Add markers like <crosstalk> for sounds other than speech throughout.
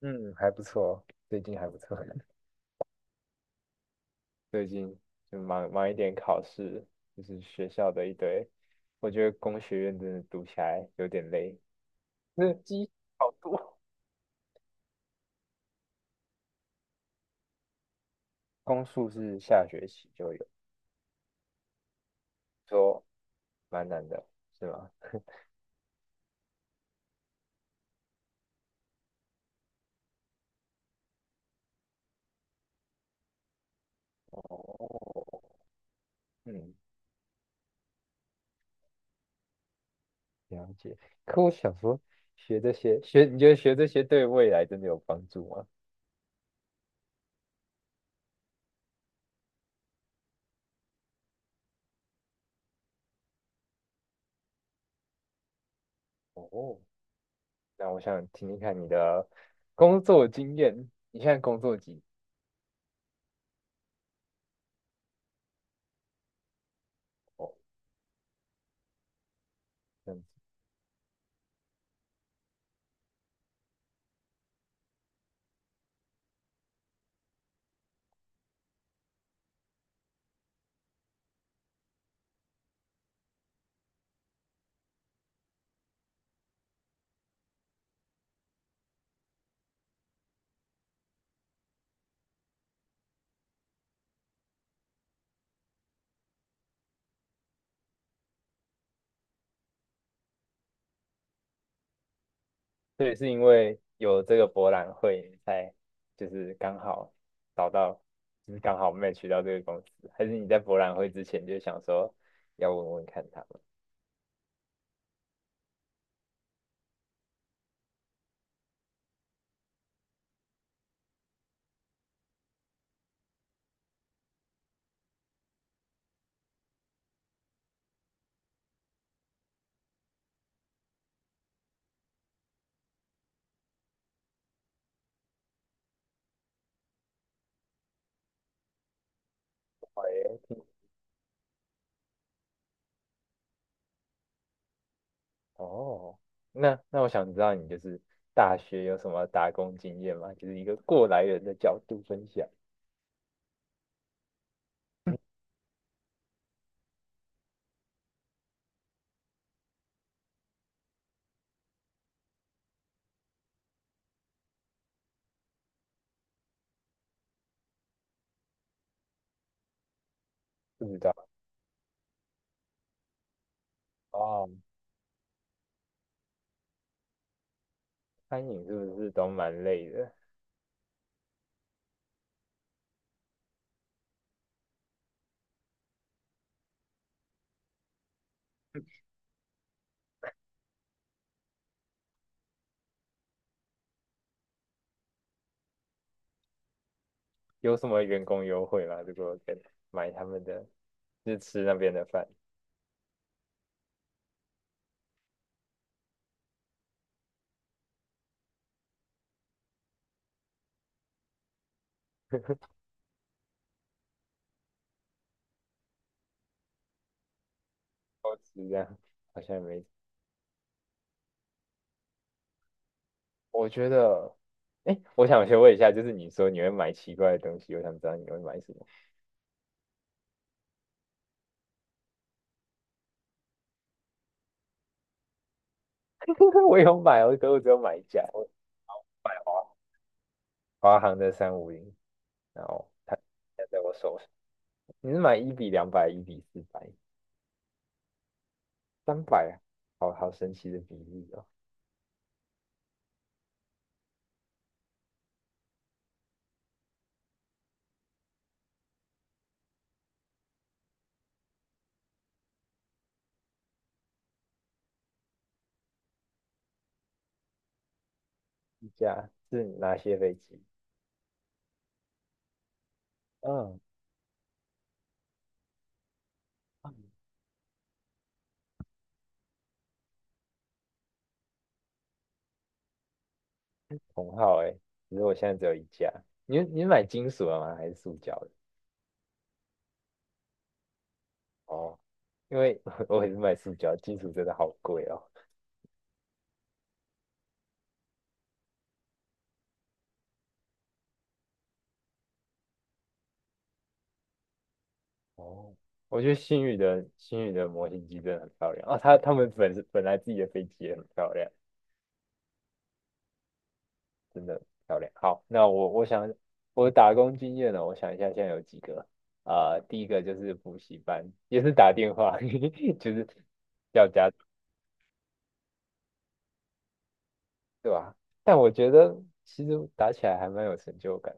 嗯，还不错，最近还不错。<laughs> 最近就忙一点考试，就是学校的一堆。我觉得工学院真的读起来有点累，那机好多。<laughs> 公数是下学期就有，说蛮难的，是吗？哦，嗯，了解。可我想说，学这些学，你觉得学这些对未来真的有帮助吗？哦，那我想听听看你的工作经验。你现在工作几？哦，所以是因为有这个博览会，你才就是刚好找到，就是刚好 m a t c 到这个公司，还是你在博览会之前就想说要问问看他们？喂哦，那我想知道你就是大学有什么打工经验吗？就是一个过来人的角度分享，不知道哦，餐饮是不是都蛮累的？有什么员工优惠吗？如果跟买他们的，就是吃那边的饭，都吃这样，好像也没我觉得，哎，我想先问一下，就是你说你会买奇怪的东西，我想知道你会买什么。<laughs> 我有买我可是我只有买一架，我买华航的350，然后现在我手上，你是买1:200，1:400，300啊，好好神奇的比例哦。一架是哪些飞机？嗯 <clears throat>，同号哎，只是我现在只有一架。你是买金属的吗？还是塑胶的？哦，因为 <laughs> 我也是买塑胶，金属真的好贵哦。哦，我觉得星宇的模型机真的很漂亮啊，他们本身本来自己的飞机也很漂亮，真的很漂亮。好，那我想我打工经验呢，我想一下现在有几个啊、第一个就是补习班，也是打电话，<laughs> 就是要加。对吧？但我觉得其实打起来还蛮有成就感，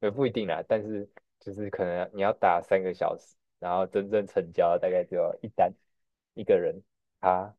也不一定啦。但是就是可能你要打3个小时，然后真正成交大概就要一单一个人，他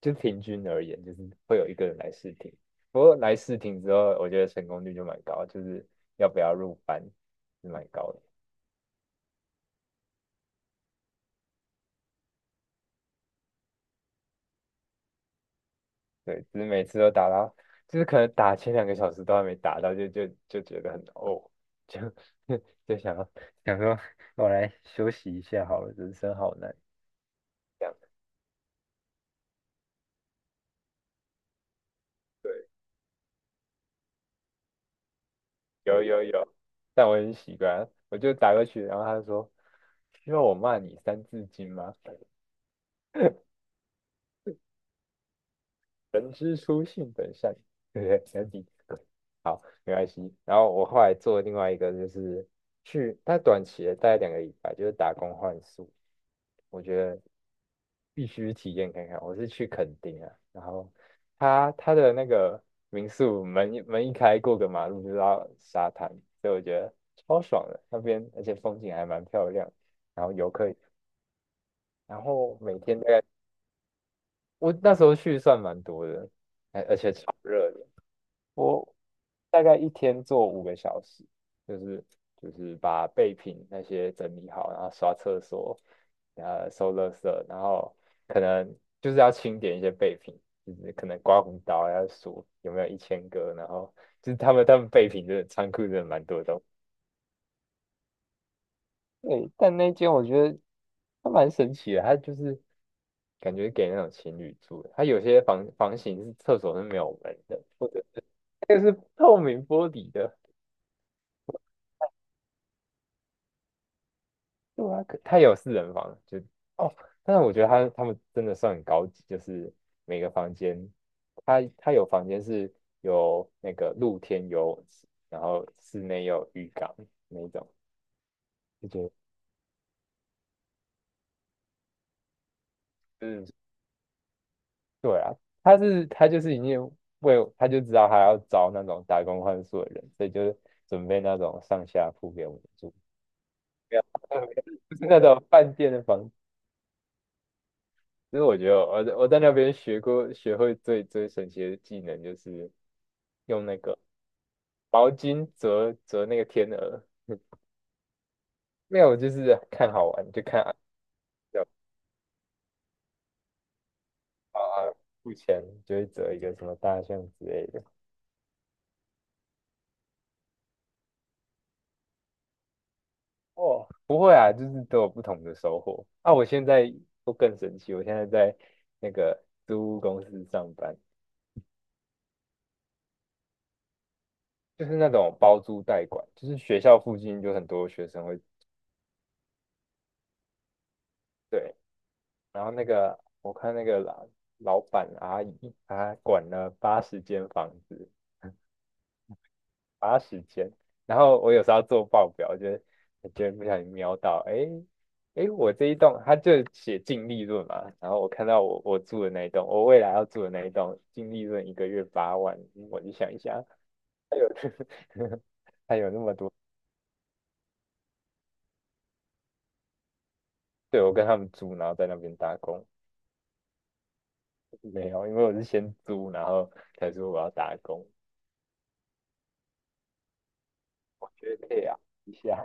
就平均而言，就是会有一个人来试听。不过来试听之后，我觉得成功率就蛮高，就是要不要入班是蛮高的。对，只是每次都打到，就是可能打前2个小时都还没打到，就觉得很哦，就 <laughs> 就想说我来休息一下好了，人生好难这样。对，有有有，但我很习惯啊，我就打过去，然后他就说需要我骂你三字经吗？人之初性本善，对不对？三字好，没关系。然后我后来做另外一个就是去，他短期的大概2个礼拜，就是打工换宿。我觉得必须体验看看。我是去垦丁啊，然后它它的那个民宿门一开，过个马路就到沙滩，所以我觉得超爽的。那边而且风景还蛮漂亮，然后游客，然后每天大概我那时候去算蛮多的，而且超热的，我大概一天做5个小时，就是就是把备品那些整理好，然后刷厕所，然后收垃圾，然后可能就是要清点一些备品，就是可能刮胡刀要数有没有1,000个，然后就是他们他们备品真的仓库真的蛮多的东西。对，但那间我觉得它蛮神奇的，它就是感觉给那种情侣住的，它有些房型是厕所是没有门的，那个是透明玻璃的。对啊，可它也有四人房，就哦，但是我觉得他们真的算很高级，就是每个房间，它有房间是有那个露天游泳池，然后室内有浴缸那一种，就觉得嗯，对啊，他是他就是已经为他就知道他要招那种打工换宿的人，所以就是准备那种上下铺给我们住，没有没有就是 <laughs> 那种饭店的房子。其实我觉得我在那边学会最神奇的技能，就是用那个毛巾折那个天鹅，没有，就是看好玩，就看要付钱就会折一个什么大象之类的。哦，不会啊，就是都有不同的收获。啊，我现在都更神奇，我现在在那个租屋公司上班，就是那种包租代管，就是学校附近就很多学生会对，然后那个我看那个老板阿姨，她管了80间房子。花时间。然后我有时候要做报表，就是我觉得不小心瞄到，哎哎，我这一栋它就写净利润嘛，然后我看到我住的那一栋，我未来要住的那一栋净利润一个月8万，嗯我就想一下，哎呦，<laughs> 对我跟他们租，然后在那边打工，没有，因为我是先租，然后才说我要打工，我觉得可以啊，一下，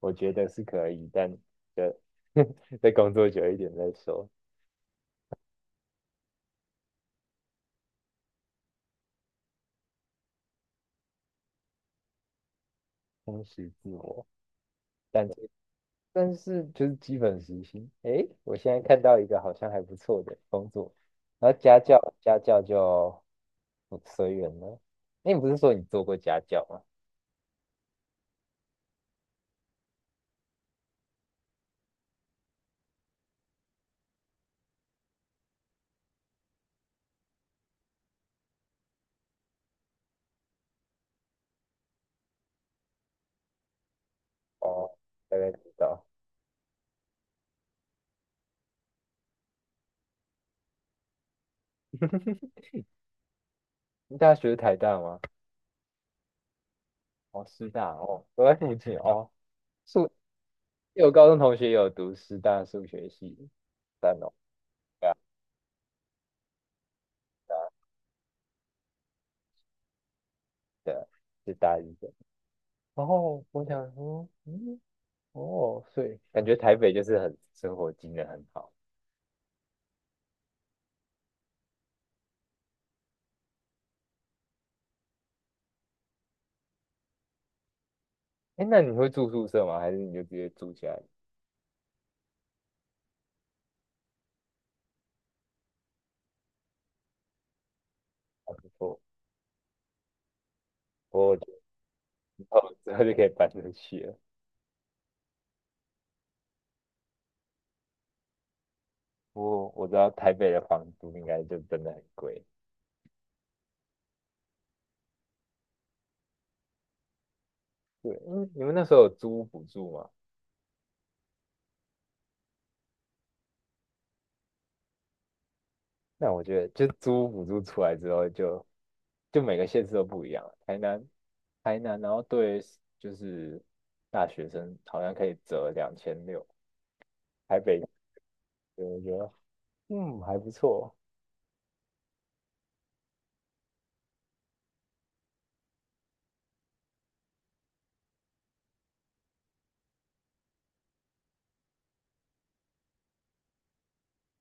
我觉得是可以，但就 <laughs> 再工作久一点再说，充实自我。但。但是就是基本时薪。诶，我现在看到一个好像还不错的工作，然后家教就不随缘了。那你不是说你做过家教吗？哦，大概知道。你大学是台大吗？哦，师大哦，都在附近哦。数，有高中同学有读师大数学系，但哦，对啊，是大一的。然后我想说，嗯，哦，所以感觉台北就是很生活机能很好。哎，那你会住宿舍吗？还是你就直接住起来？还不错，我觉得我之后就可以搬出去了。我我知道台北的房租应该就真的很贵。对，嗯，你们那时候有租屋补助吗？那我觉得就租屋补助出来之后就，就每个县市都不一样了台南，台南，然后对就是大学生好像可以折2,600，台北对我觉得嗯还不错。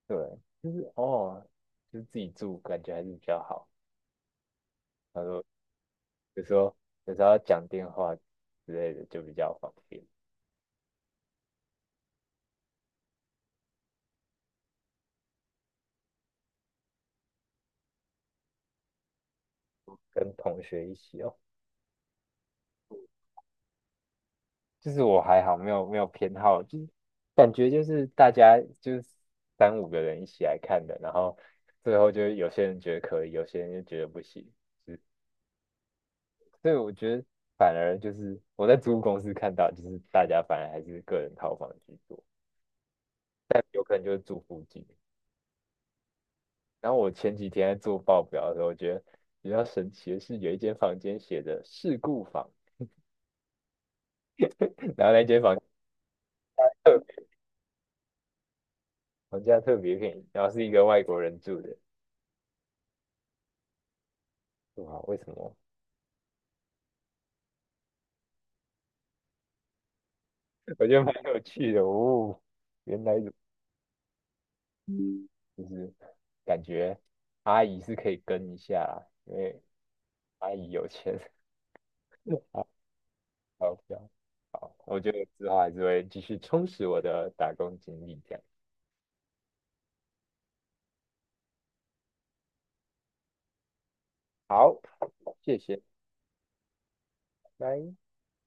对，就是哦，就是自己住感觉还是比较好。他说有时候有时候要讲电话之类的就比较方便，跟同学一起哦。就是我还好，没有没有偏好，就是感觉就是大家就是三五个人一起来看的，然后最后就有些人觉得可以，有些人就觉得不行，是所以我觉得反而就是我在租屋公司看到，就是大家反而还是个人套房居多，有可能就是住附近。然后我前几天在做报表的时候，我觉得比较神奇的是有一间房间写着事故房，然后那间房。<laughs> 特别，房价特别便宜，然后是一个外国人住的，哇，为什么？<laughs> 我觉得蛮有趣的哦，原来如就是感觉阿姨是可以跟一下啦，因为阿姨有钱，<laughs> 好好不要好，我觉得之后还是会继续充实我的打工经历这样。好，谢谢，拜。